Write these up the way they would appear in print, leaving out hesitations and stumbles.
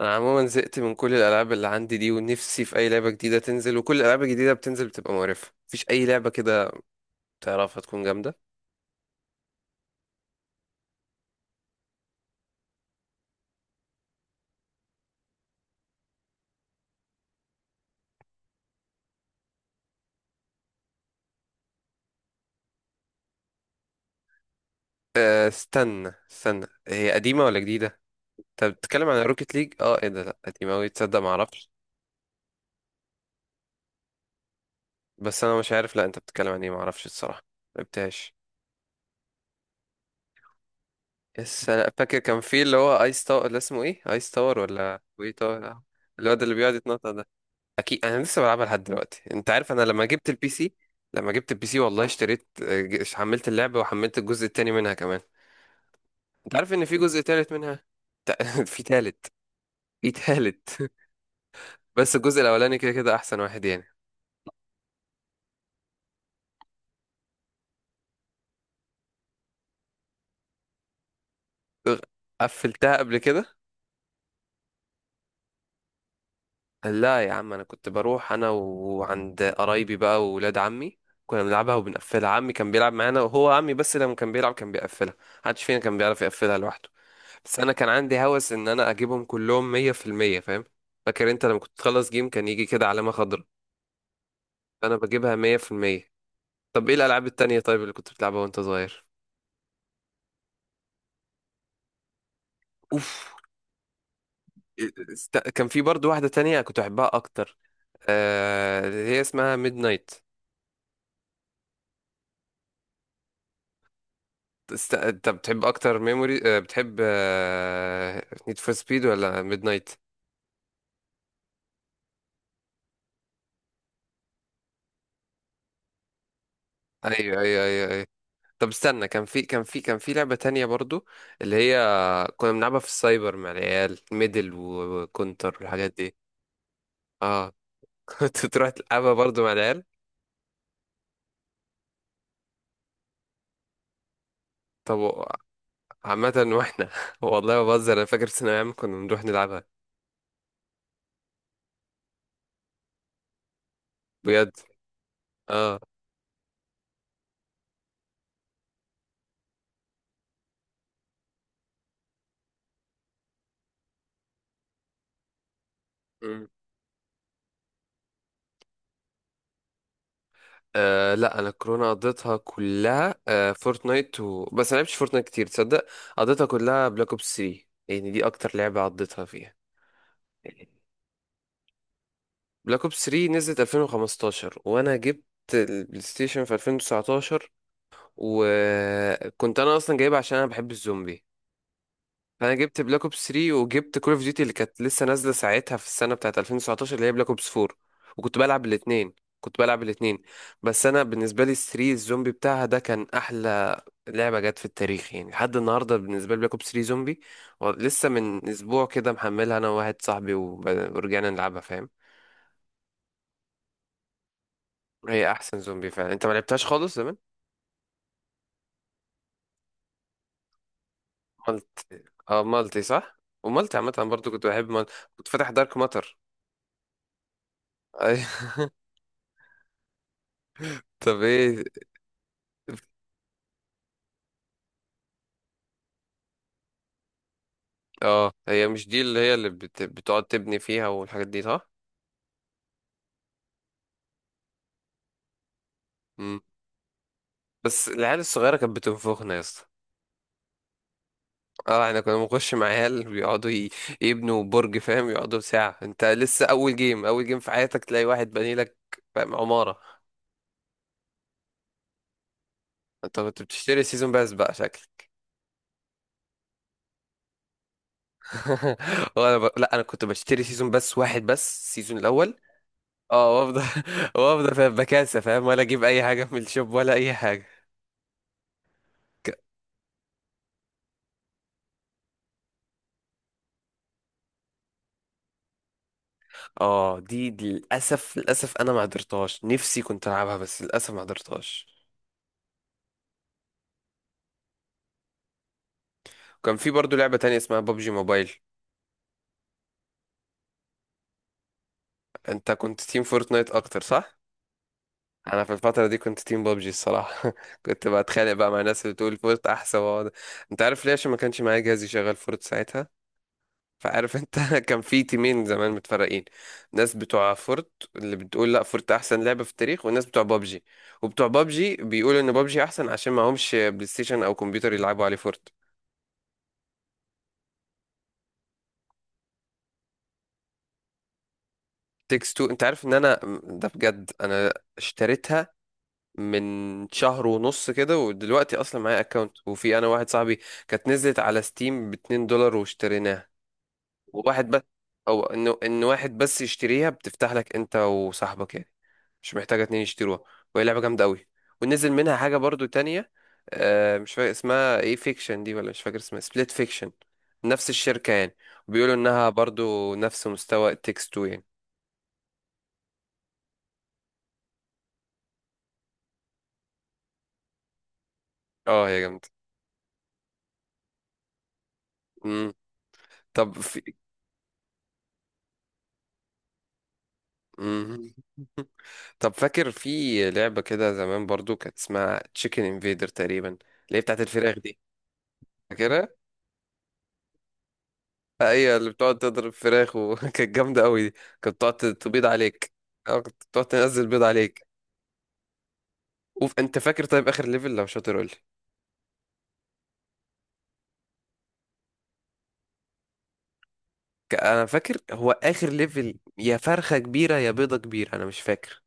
انا عموما زهقت من كل الالعاب اللي عندي دي ونفسي في اي لعبه جديده تنزل، وكل الالعاب الجديده بتنزل بتبقى مقرفه. مفيش اي لعبه كده تعرفها تكون جامده. أه، استنى استنى، هي قديمه ولا جديده؟ انت بتتكلم عن روكيت ليج؟ اه، ايه ده؟ لا قديمه اوي، تصدق معرفش. بس انا مش عارف، لا انت بتتكلم عن ايه؟ معرفش الصراحه، ملعبتهاش. بس انا فاكر كان في اللي هو ايس تاور، اللي اسمه ايه، ايس تاور ولا ايه تاور؟ الواد اللي بيقعد يتنطط ده، اكيد انا لسه بلعبها لحد دلوقتي. انت عارف انا لما جبت البي سي، لما جبت البي سي والله اشتريت حملت اللعبه وحملت الجزء التاني منها كمان. انت عارف ان في جزء تالت منها؟ في تالت، في تالت. بس الجزء الاولاني كده كده احسن واحد يعني. قفلتها قبل كده؟ لا يا عم، انا كنت بروح انا وعند قرايبي بقى وولاد عمي، كنا بنلعبها وبنقفلها. عمي كان بيلعب معانا، وهو عمي بس لما كان بيلعب كان بيقفلها، محدش فينا كان بيعرف يقفلها لوحده. بس انا كان عندي هوس ان انا اجيبهم كلهم 100%، فاهم؟ فاكر انت لما كنت تخلص جيم كان يجي كده علامة خضراء؟ فانا بجيبها 100%. طب ايه الالعاب التانية طيب اللي كنت بتلعبها وانت صغير؟ اوف. كان في برضو واحدة تانية كنت احبها اكتر، اللي هي اسمها ميد نايت. انت بتحب اكتر ميموري، بتحب نيد فور سبيد ولا ميد نايت؟ ايوه ايوه ايوه ايوه. طب استنى، كان في لعبة تانية برضو، اللي هي كنا بنلعبها في السايبر مع العيال، ميدل وكونتر والحاجات دي. اه. كنت تروح تلعبها برضو مع العيال. طب عامة واحنا والله ما بهزر، انا فاكر في ثانوية عامة كنا بنروح نلعبها. بجد. اه. مم. آه لا، انا كورونا قضيتها كلها فورتنايت بس ما لعبتش فورتنايت كتير تصدق. قضيتها كلها بلاك اوبس 3 يعني، دي اكتر لعبة قضيتها فيها. بلاك اوبس 3 نزلت 2015، وانا جبت البلاي ستيشن في 2019، وكنت انا اصلا جايبها عشان انا بحب الزومبي. فانا جبت بلاك اوبس 3، وجبت كول اوف ديوتي اللي كانت لسه نازله ساعتها في السنه بتاعت 2019، اللي هي بلاك اوبس 4. وكنت بلعب الاثنين، كنت بلعب الاثنين. بس انا بالنسبه لي 3 الزومبي بتاعها ده كان احلى لعبه جت في التاريخ يعني. لحد النهارده بالنسبه لي بلاك اوبس 3 زومبي. لسه من اسبوع كده محملها انا وواحد صاحبي ورجعنا نلعبها، فاهم. هي احسن زومبي فعلا، انت ما لعبتهاش خالص زمان؟ مالتي. اه مالتي صح، ومالتي عامه أنا برضو كنت بحب مالتي، كنت فاتح دارك ماتر. اي. طب ايه. اه، هي مش دي اللي هي اللي بتقعد تبني فيها والحاجات دي صح؟ مم. بس العيال الصغيره كانت بتنفخنا يا اسطى. اه احنا كنا بنخش مع عيال بيقعدوا يبنوا برج، فاهم، يقعدوا ساعه. انت لسه اول جيم اول جيم في حياتك تلاقي واحد بني لك، فاهم، عماره. انت كنت بتشتري سيزون باس بقى شكل. وانا لا، انا كنت بشتري سيزون بس واحد، بس السيزون الاول. اه وافضل. وافضل فاهم، بكاسه فاهم، ولا اجيب اي حاجه من الشوب ولا اي حاجه. ك- اه، دي دي للاسف، للاسف انا ما قدرتهاش، نفسي كنت العبها بس للاسف ما قدرتهاش. كان في برضو لعبه تانية اسمها ببجي موبايل. انت كنت تيم فورتنايت اكتر صح؟ انا في الفتره دي كنت تيم ببجي الصراحه. كنت بتخانق بقى مع الناس اللي بتقول فورت احسن، واقعد. انت عارف ليه؟ عشان ما كانش معايا جهاز يشغل فورت ساعتها. فعارف انت، كان في تيمين زمان متفرقين. ناس بتوع فورت اللي بتقول لا فورت احسن لعبة في التاريخ، والناس بتوع بابجي وبتوع بابجي بيقولوا ان بابجي احسن عشان معهمش بلاي ستيشن او كمبيوتر يلعبوا عليه فورت. تيكس تو، انت عارف ان انا ده بجد انا اشتريتها من شهر ونص كده، ودلوقتي اصلا معايا اكونت، وفي انا واحد صاحبي، كانت نزلت على ستيم بـ$2 واشتريناها. وواحد بس، او انه ان واحد بس يشتريها بتفتح لك انت وصاحبك يعني، مش محتاجه اتنين يشتروها. وهي لعبه جامده قوي. ونزل منها حاجه برضو تانية، آه مش فاكر اسمها ايه، فيكشن دي ولا مش فاكر اسمها، سبليت فيكشن، نفس الشركه يعني. وبيقولوا انها برضو نفس مستوى تكست 2 يعني. اه هي جامده. مم. طب في. مم. طب فاكر في لعبه كده زمان برضو كانت اسمها تشيكن انفيدر تقريبا، اللي هي بتاعت الفراخ دي؟ فاكرها؟ هي اللي بتقعد تضرب فراخ، وكانت جامدة قوي دي، كانت بتقعد تبيض عليك. اه كانت بتقعد تنزل بيض عليك. انت فاكر طيب اخر ليفل لو شاطر قول لي. انا فاكر هو اخر ليفل يا فرخة كبيرة يا بيضة كبيرة، انا مش فاكر.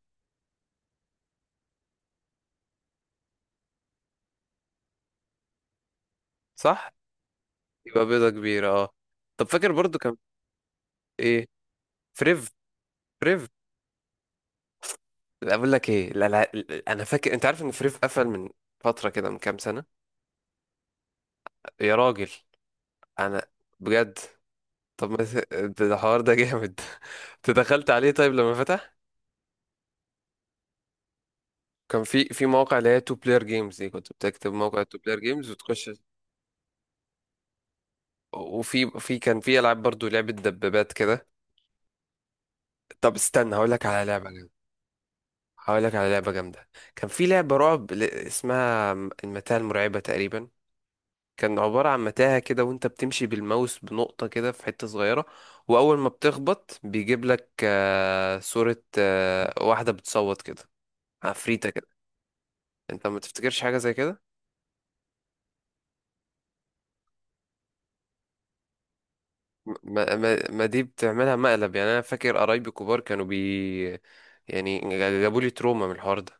صح، يبقى بيضة كبيرة اه. طب فاكر برضو كان ايه؟ فريف. فريف. لا بقول لك ايه، لا لا لا، انا فاكر انت عارف ان فريف قفل من فترة كده من كام سنة. يا راجل. انا بجد. طب ما ت- ده ده الحوار ده جامد. تدخلت عليه طيب لما فتح؟ كان في، في مواقع اللي هي تو بلاير جيمز دي، كنت بتكتب موقع تو بلاير جيمز وتخش. وفي، في كان في العاب برضو، لعبه دبابات كده. طب استنى هقول لك على لعبه جامده، هقول لك على لعبه جامده، كان في لعبه رعب اسمها المتاهه المرعبه تقريبا. كان عباره عن متاهه كده، وانت بتمشي بالماوس بنقطه كده في حته صغيره، واول ما بتخبط بيجيب لك صوره، واحده بتصوت كده، عفريته كده. انت ما تفتكرش حاجه زي كده؟ ما دي بتعملها مقلب يعني. انا فاكر قرايبي كبار كانوا بي، يعني جابوا لي تروما من الحوار ده.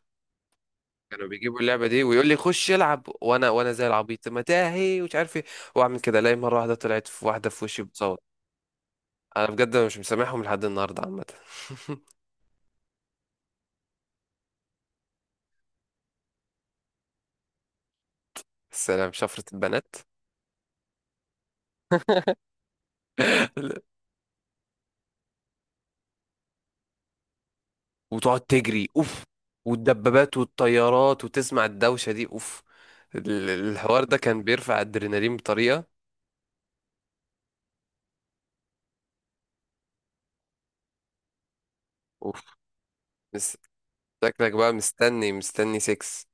كانوا بيجيبوا اللعبه دي ويقول لي خش العب، وانا وانا زي العبيط، ما تاهي ومش عارف ايه، واعمل كده، الاقي مره واحده طلعت في، واحده في وشي بتصوت. انا بجد مش مسامحهم لحد النهارده عامه. السلام شفره البنات. وتقعد تجري اوف، والدبابات والطيارات وتسمع الدوشه دي اوف. ال- الحوار ده كان بيرفع الادرينالين بطريقه اوف. شكلك بقى مستني مستني 6.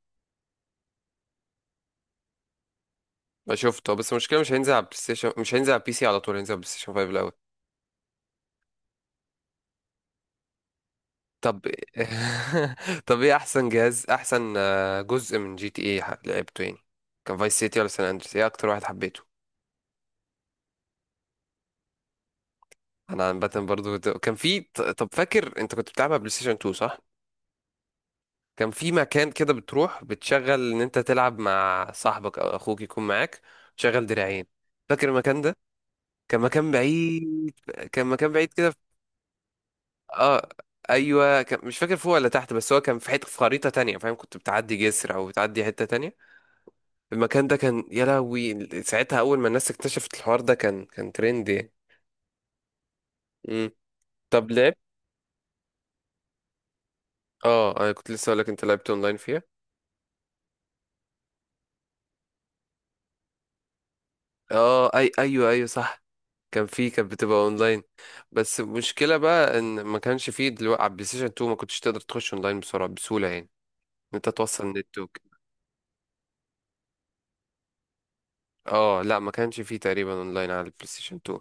ما شفته، بس المشكله مش هينزل على بلاي ستيشن، مش هينزل على بي سي على طول، هينزل على بلاي ستيشن 5 الاول. طب طب ايه احسن جهاز، احسن جزء من جي تي ايه لعبته يعني؟ كان فايس سيتي ولا سان اندريس؟ ايه اكتر واحد حبيته؟ انا عامه برضو كنت، كان في طب فاكر انت كنت بتلعبها بلاي ستيشن 2 صح؟ كان في مكان كده بتروح بتشغل ان انت تلعب مع صاحبك او اخوك يكون معاك، تشغل دراعين. فاكر المكان ده؟ كان مكان بعيد. كان مكان بعيد كده. اه. ايوه كان، مش فاكر فوق ولا تحت، بس هو كان في حته في خريطه تانية فاهم، كنت بتعدي جسر او بتعدي حته تانية. المكان ده كان يا لهوي ساعتها اول ما الناس اكتشفت الحوار ده كان، كان ترند يعني. امم. طب لعبت. اه انا كنت لسه اقول لك، انت لعبت اونلاين فيها؟ اه اي ايوه ايوه صح. كان في، كانت بتبقى اونلاين. بس المشكله بقى ان ما كانش فيه دلوقتي على البلاي ستيشن 2 ما كنتش تقدر تخش اونلاين بسرعه بسهوله يعني، إن انت توصل نت. اه لا، ما كانش فيه تقريبا اونلاين على البلاي ستيشن 2،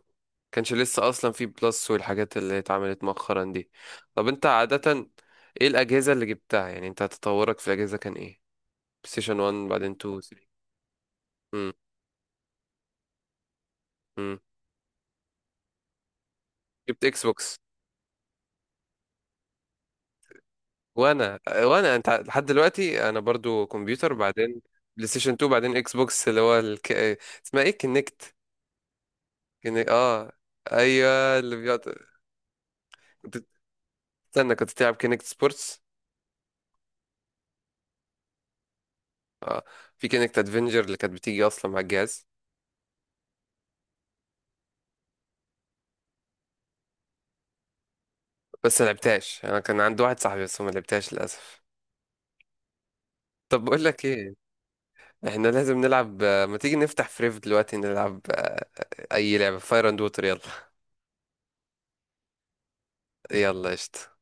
كانش لسه اصلا فيه بلس والحاجات اللي اتعملت مؤخرا دي. طب انت عادة ايه الاجهزة اللي جبتها يعني، انت تطورك في الاجهزة كان ايه؟ بلاي ستيشن 1، بعدين 2، 3. امم. امم. جبت اكس بوكس. وانا انت لحد دلوقتي، انا برضو كمبيوتر، بعدين بلاي ستيشن 2، بعدين اكس بوكس، اللي هو اسمها ايه، كينكت. كينكت اه. ايوه اللي بيقعد. كنت، استنى كنت تلعب كينكت سبورتس؟ اه. في كانكت ادفنجر اللي كانت بتيجي اصلا مع الجهاز. بس ما لعبتهاش، انا كان عندي واحد صاحبي بس ما لعبتهاش للاسف. طب بقول لك ايه، احنا لازم نلعب، ما تيجي نفتح فريف دلوقتي نلعب اي لعبه، فاير اند ووتر، يلا. يلا قشطة.